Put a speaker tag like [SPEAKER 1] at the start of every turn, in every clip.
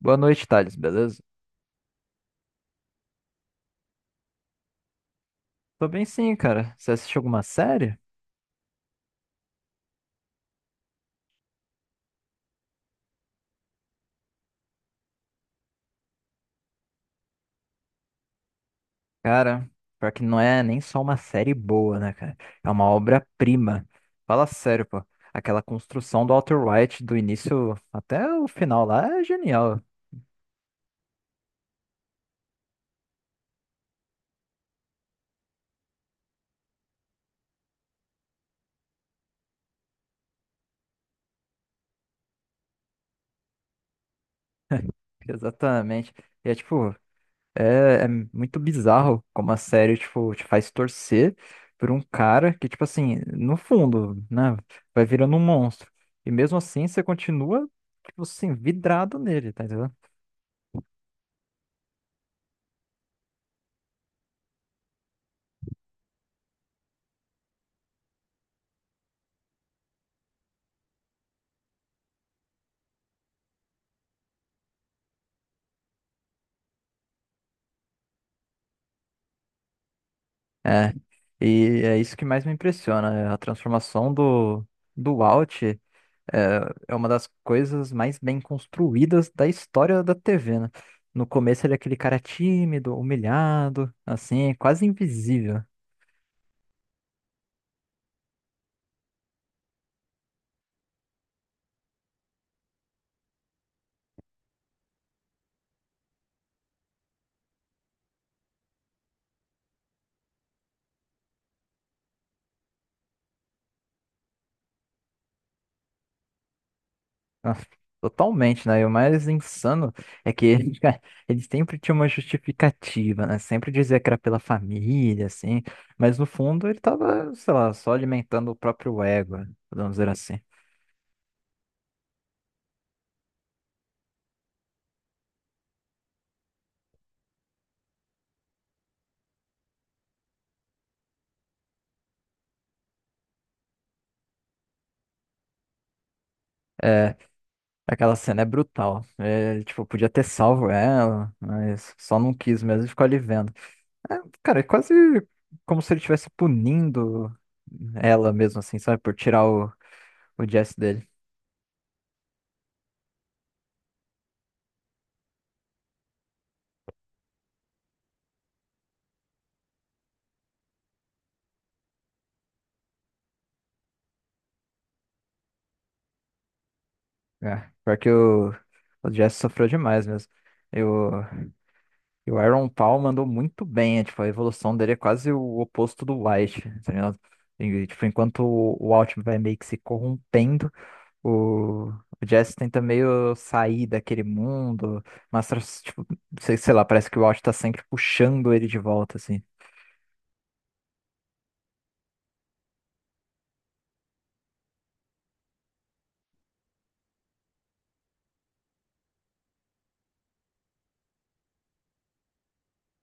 [SPEAKER 1] Boa noite, Thales, beleza? Tô bem sim, cara. Você assistiu alguma série? Cara, pior que não é nem só uma série boa, né, cara? É uma obra-prima. Fala sério, pô. Aquela construção do Walter White do início até o final lá é genial. Exatamente. E é tipo, é muito bizarro como a série, tipo, te faz torcer por um cara que, tipo assim, no fundo, né, vai virando um monstro. E mesmo assim, você continua, tipo assim, vidrado nele, tá entendendo? É, e é isso que mais me impressiona, é a transformação do Walt é, é uma das coisas mais bem construídas da história da TV, né? No começo ele é aquele cara tímido, humilhado, assim, quase invisível. Nossa, totalmente, né? E o mais insano é que eles, eles sempre tinham uma justificativa, né? Sempre dizia que era pela família, assim, mas no fundo ele tava, sei lá, só alimentando o próprio ego, né? Podemos dizer assim. É, aquela cena é brutal. É, ele, tipo, podia ter salvo ela, mas só não quis mesmo e ficou ali vendo. É, cara, é quase como se ele estivesse punindo ela mesmo, assim, sabe? Por tirar o Jesse dele. É, pior que o Jazz sofreu demais mesmo. E o, e o Aaron Paul mandou muito bem, é, tipo, a evolução dele é quase o oposto do White, tá ligado? E, tipo, enquanto o Altman vai meio que se corrompendo, o, o Jazz tenta meio sair daquele mundo, mas, tipo, sei, sei lá, parece que o Alt tá sempre puxando ele de volta, assim.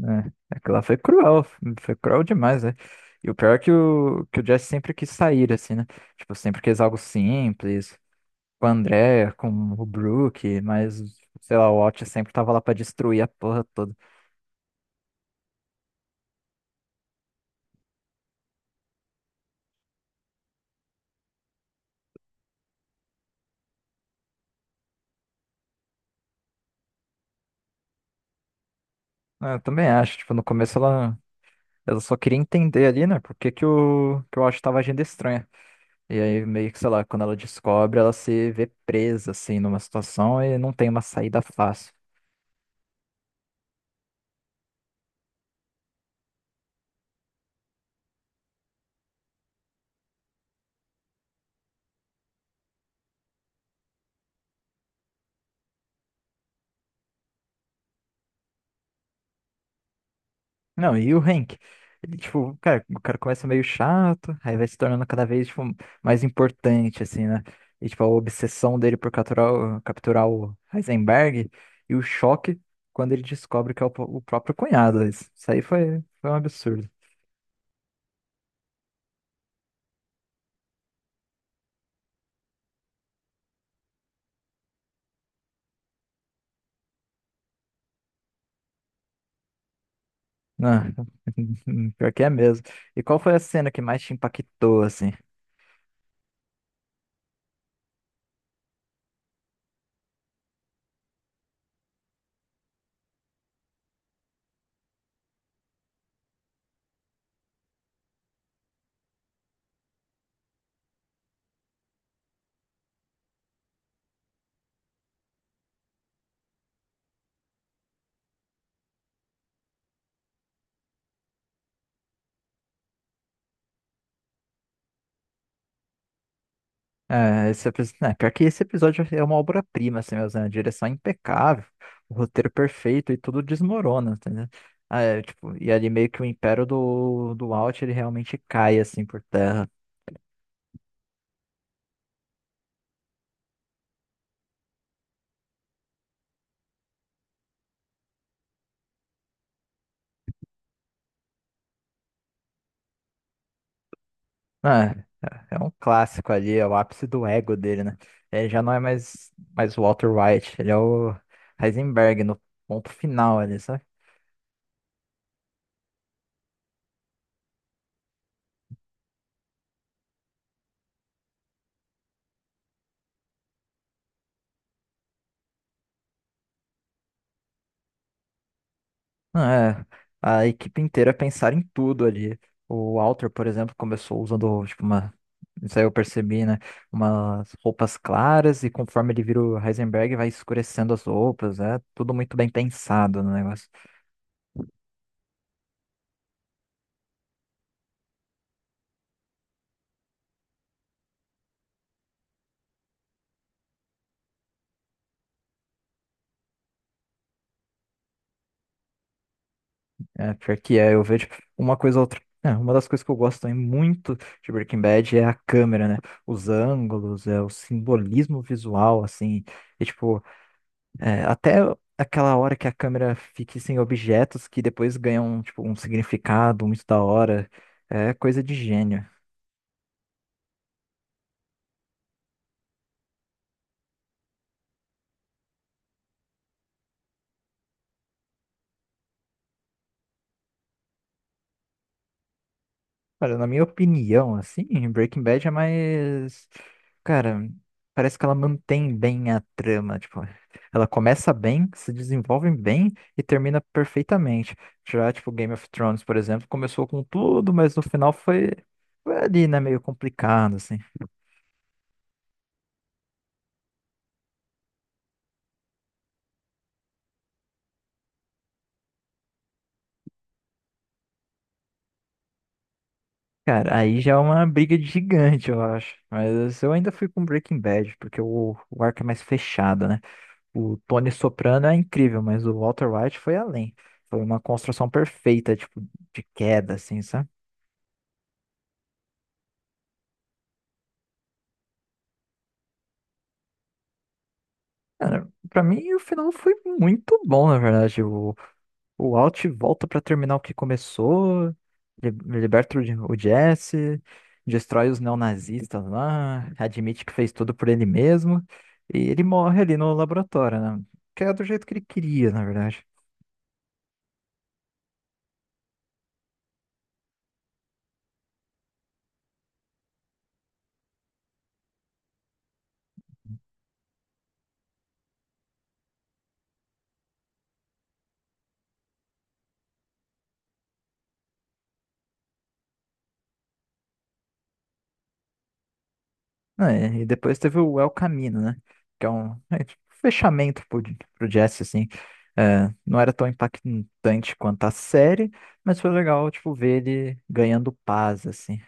[SPEAKER 1] É, aquela foi cruel demais, né? E o pior é que o Jesse sempre quis sair, assim, né? Tipo, sempre quis algo simples, com o André, com o Brook, mas, sei lá, o Watch sempre tava lá pra destruir a porra toda. Ah, eu também acho, tipo, no começo ela, ela só queria entender ali, né? Por que que o Watch tava agindo estranho. E aí, meio que, sei lá, quando ela descobre, ela se vê presa, assim, numa situação e não tem uma saída fácil. Não, e o Hank? Ele, tipo, cara, o cara começa meio chato, aí vai se tornando cada vez, tipo, mais importante, assim, né? E, tipo, a obsessão dele por capturar, o- capturar o Heisenberg e o choque quando ele descobre que é o, po- o próprio cunhado. Isso aí foi, foi um absurdo. Ah, pior que é mesmo. E qual foi a cena que mais te impactou, assim? É, esse episódio, né, pior que esse episódio é uma obra-prima, assim mesmo, né? A direção é impecável, o roteiro perfeito e tudo desmorona, entendeu? Ah, é, tipo, e ali meio que o império do, do Walt, ele realmente cai, assim, por terra. Ah, é é um clássico ali, é o ápice do ego dele, né? Ele já não é mais, mais o Walter White, ele é o Heisenberg no ponto final ali, sabe? É, a equipe inteira é pensar em tudo ali. O Walter, por exemplo, começou usando, tipo, uma. Isso aí eu percebi, né? Umas roupas claras e conforme ele vira o Heisenberg, vai escurecendo as roupas. É tudo muito bem pensado no negócio. É, pior que é, eu vejo uma coisa ou outra. É, uma das coisas que eu gosto também muito de Breaking Bad é a câmera, né? Os ângulos, é, o simbolismo visual, assim. E, tipo, é, até aquela hora que a câmera fica sem objetos que depois ganham, tipo, um significado muito da hora. É coisa de gênio. Olha, na minha opinião, assim, Breaking Bad é mais. Cara, parece que ela mantém bem a trama. Tipo, ela começa bem, se desenvolve bem e termina perfeitamente. Já, tipo, Game of Thrones, por exemplo, começou com tudo, mas no final foi, foi ali, né? Meio complicado, assim. Cara, aí já é uma briga de gigante, eu acho. Mas eu ainda fui com Breaking Bad, porque o arco é mais fechado, né? O Tony Soprano é incrível, mas o Walter White foi além. Foi uma construção perfeita, tipo, de queda, assim, sabe? Cara, pra mim o final foi muito bom, na verdade. O Alt volta pra terminar o que começou, li- liberta o, J- o Jesse, destrói os neonazistas lá, admite que fez tudo por ele mesmo, e ele morre ali no laboratório, né? Que é do jeito que ele queria, na verdade. Não, é, e depois teve o El Camino, né? Que é um, é, tipo, um fechamento pro, pro Jesse, assim. É, não era tão impactante quanto a série, mas foi legal, tipo, ver ele ganhando paz, assim.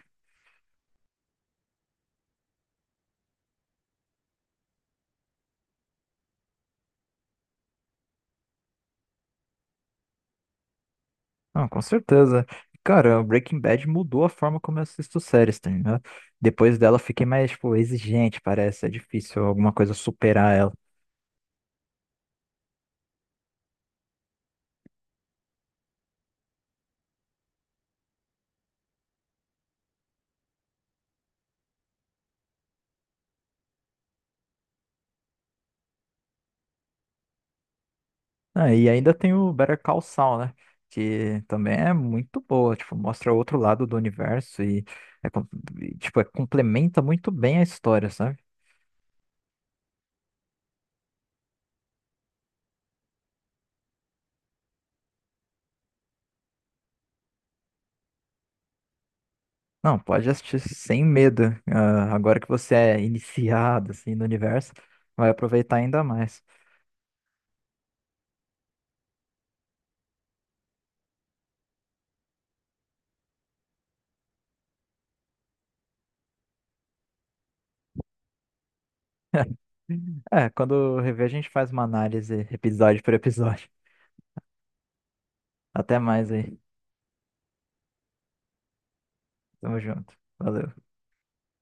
[SPEAKER 1] Não, com certeza. Cara, o Breaking Bad mudou a forma como eu assisto séries, tá ligado? Depois dela eu fiquei mais, tipo, exigente, parece. É difícil alguma coisa superar ela. Ah, e ainda tem o Better Call Saul, né? Que também é muito boa, tipo, mostra outro lado do universo e, é com- e, tipo, é- complementa muito bem a história, sabe? Não, pode assistir sem medo. Ah, agora que você é iniciado, assim, no universo, vai aproveitar ainda mais. É, quando rever, a gente faz uma análise episódio por episódio. Até mais aí. Tamo junto. Valeu.